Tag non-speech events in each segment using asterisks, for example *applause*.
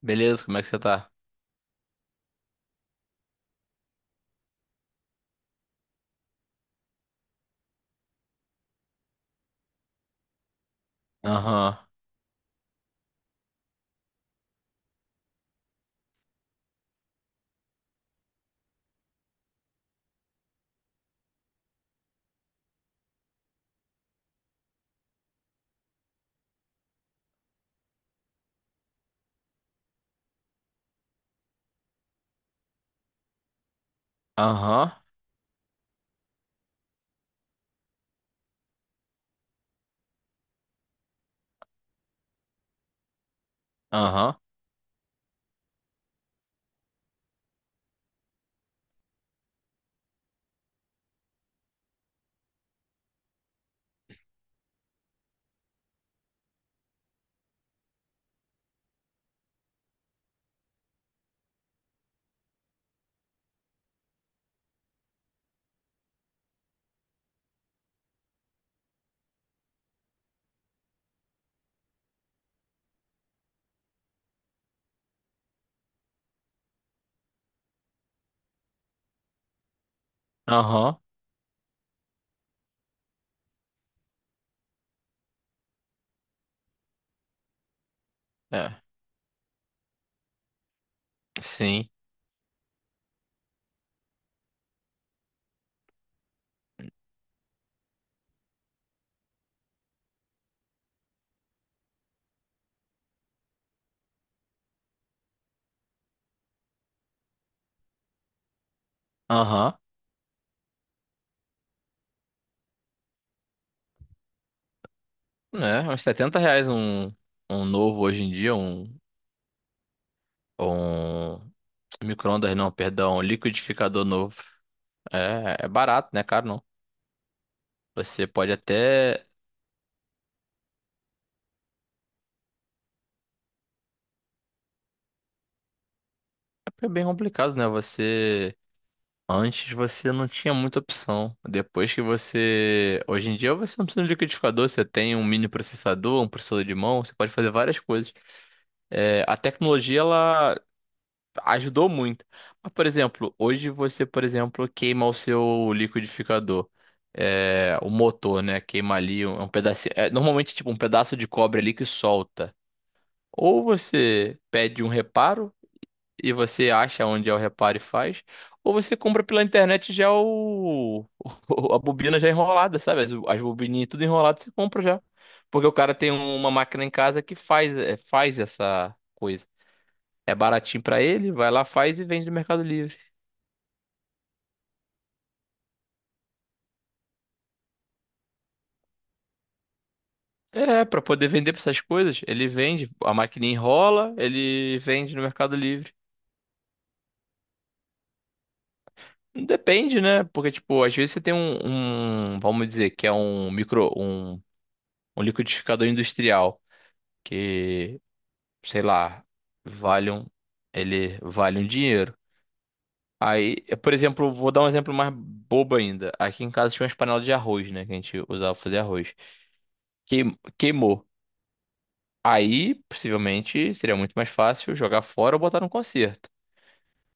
Beleza, como é que você tá? Aham, aham, aham, aham, é, sim, aham, né, uns R$ 70 um, um novo hoje em dia, um micro-ondas não, perdão, um liquidificador novo, é barato, né, caro não, você pode até, é bem complicado, né, você, antes você não tinha muita opção, depois que você, hoje em dia você não precisa de um liquidificador, você tem um mini processador, um processador de mão, você pode fazer várias coisas. É, a tecnologia ela ajudou muito. Mas, por exemplo, hoje você, por exemplo, queima o seu liquidificador, é, o motor, né? Queima ali um pedacinho. É, normalmente, tipo, um pedaço de cobre ali que solta. Ou você pede um reparo e você acha onde é o reparo e faz. Ou você compra pela internet já o, *laughs* a bobina já é enrolada, sabe? As bobininhas tudo enrolado, você compra já. Porque o cara tem uma máquina em casa que faz essa coisa. É baratinho pra ele, vai lá, faz e vende no Mercado Livre. É, pra poder vender pra essas coisas, ele vende, a maquininha enrola, ele vende no Mercado Livre. Depende, né? Porque, tipo, às vezes você tem um, vamos dizer, que é um liquidificador industrial, que, sei lá, vale um, ele vale um dinheiro. Aí, eu, por exemplo, vou dar um exemplo mais bobo ainda. Aqui em casa tinha umas panelas de arroz, né? Que a gente usava pra fazer arroz. Queimou. Aí, possivelmente, seria muito mais fácil jogar fora ou botar num concerto.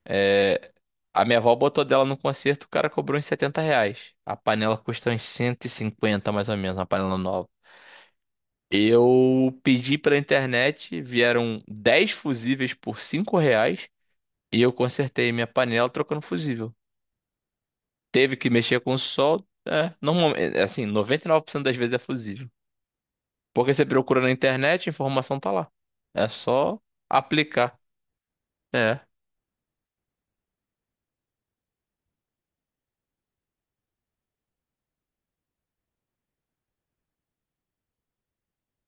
É, a minha avó botou dela no concerto, o cara cobrou uns R$ 70. A panela custa uns 150, mais ou menos, uma panela nova. Eu pedi pela internet, vieram 10 fusíveis por R$ 5 e eu consertei minha panela trocando fusível. Teve que mexer com o sol, é, normalmente, assim, 99% das vezes é fusível. Porque você procura na internet, a informação tá lá. É só aplicar. É.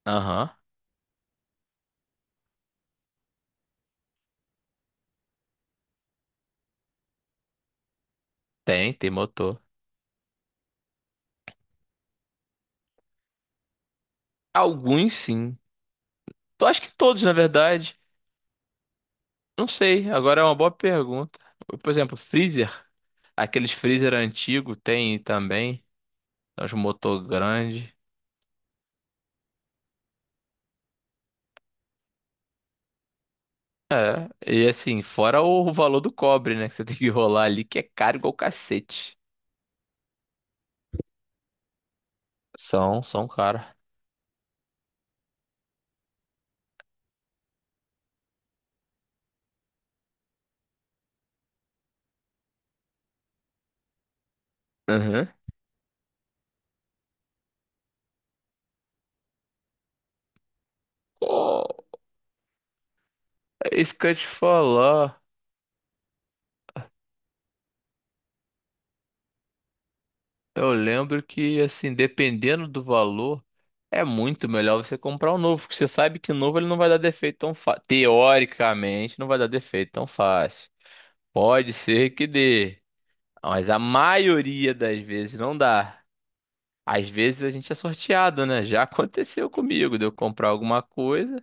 Aham. Tem motor. Alguns sim. Eu acho que todos, na verdade. Não sei, agora é uma boa pergunta. Por exemplo, freezer. Aqueles freezer antigo tem também. Os motor grande. E assim, fora o valor do cobre, né? Que você *laughs* tem que rolar ali, que é caro igual cacete. São caros. Aham. Pô, é isso que eu ia te falar. Eu lembro que, assim, dependendo do valor, é muito melhor você comprar um novo, porque você sabe que o novo ele não vai dar defeito tão fácil. Teoricamente, não vai dar defeito tão fácil. Pode ser que dê, mas a maioria das vezes não dá. Às vezes a gente é sorteado, né? Já *laughs* aconteceu comigo de eu comprar alguma coisa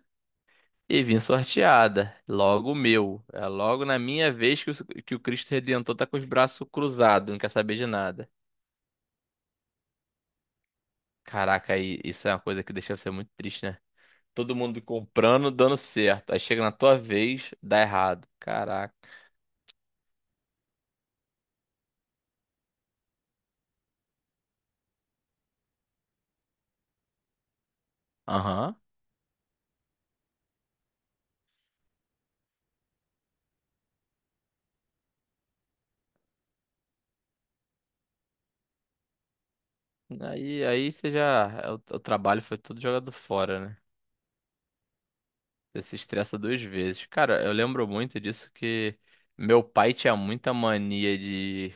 e vim sorteada. Logo o meu. É logo na minha vez que o Cristo Redentor tá com os braços cruzados, não quer saber de nada. Caraca, aí isso é uma coisa que deixa você muito triste, né? Todo mundo comprando, dando certo. Aí chega na tua vez, dá errado. Caraca. Aham. Aí você já. O trabalho foi tudo jogado fora, né? Você se estressa duas vezes. Cara, eu lembro muito disso que meu pai tinha muita mania de,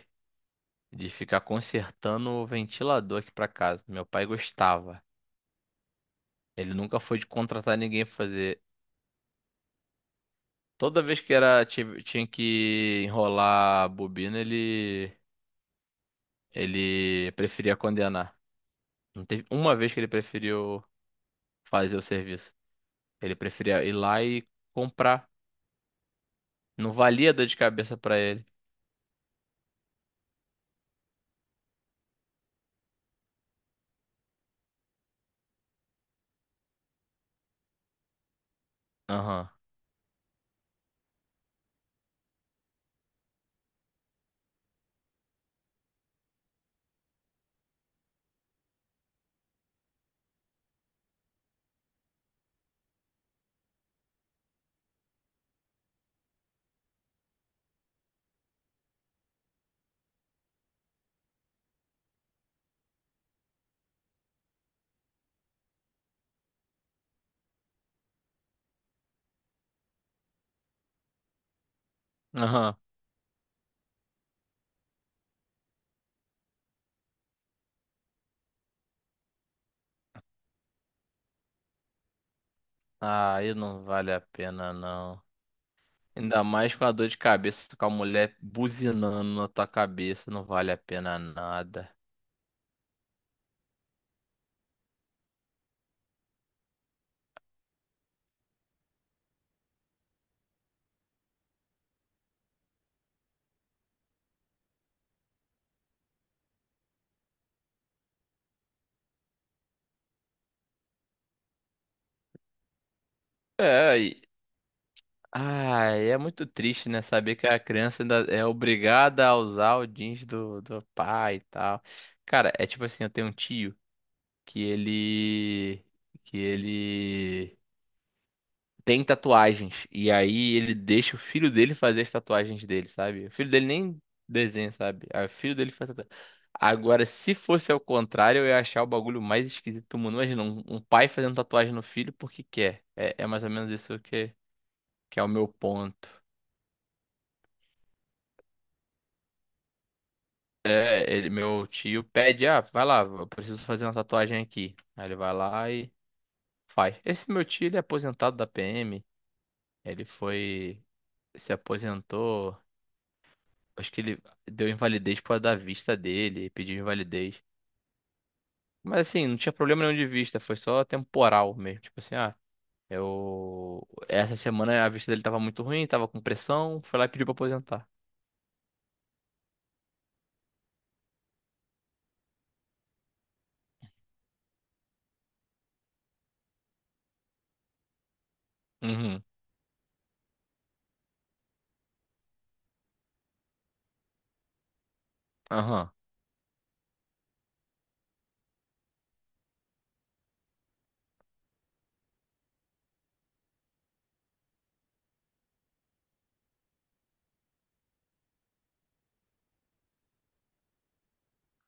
de ficar consertando o ventilador aqui pra casa. Meu pai gostava. Ele nunca foi de contratar ninguém pra fazer. Toda vez que era, tinha que enrolar a bobina, ele preferia condenar. Não teve uma vez que ele preferiu fazer o serviço. Ele preferia ir lá e comprar. Não valia dor de cabeça pra ele. Aham. Aham. Ah, aí não vale a pena, não. Ainda mais com a dor de cabeça, com a mulher buzinando na tua cabeça, não vale a pena nada. É, e... Ai, é muito triste, né? Saber que a criança ainda é obrigada a usar o jeans do pai e tal. Cara, é tipo assim, eu tenho um tio que ele. Que ele tem tatuagens. E aí ele deixa o filho dele fazer as tatuagens dele, sabe? O filho dele nem desenha, sabe? Aí o filho dele faz tatuagem. Agora, se fosse ao contrário, eu ia achar o bagulho mais esquisito do mundo. Imagina, um pai fazendo tatuagem no filho porque quer. É mais ou menos isso que é o meu ponto. É, ele, meu tio pede, ah, vai lá, eu preciso fazer uma tatuagem aqui. Aí ele vai lá e faz. Esse meu tio, ele é aposentado da PM. Ele foi, se aposentou. Acho que ele deu invalidez por causa da vista dele, pediu invalidez. Mas assim, não tinha problema nenhum de vista, foi só temporal mesmo. Tipo assim, ah, eu. Essa semana a vista dele tava muito ruim, tava com pressão, foi lá e pediu pra aposentar. Uhum, aham,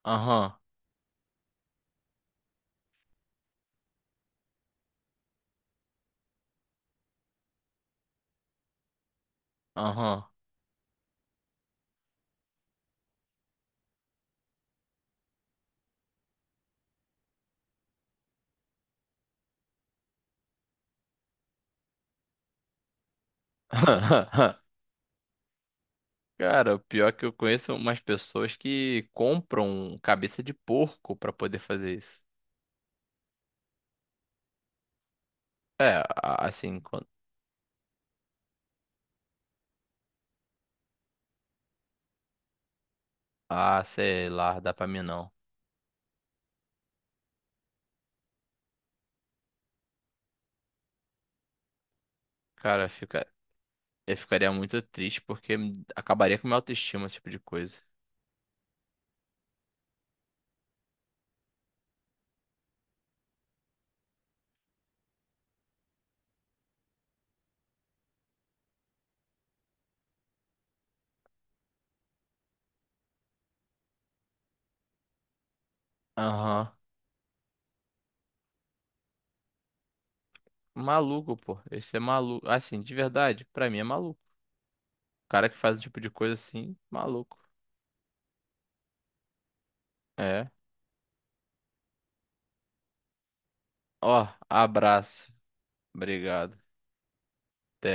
aham, aham. *laughs* Cara, o pior é que eu conheço umas pessoas que compram cabeça de porco pra poder fazer isso. É, assim, quando- ah, sei lá, dá pra mim não. Cara, fica. Eu ficaria muito triste porque acabaria com minha autoestima, esse tipo de coisa. Aham. Maluco, pô. Esse é maluco. Assim, de verdade, pra mim é maluco. O cara que faz um tipo de coisa assim, maluco. É. Ó, abraço. Obrigado. Até.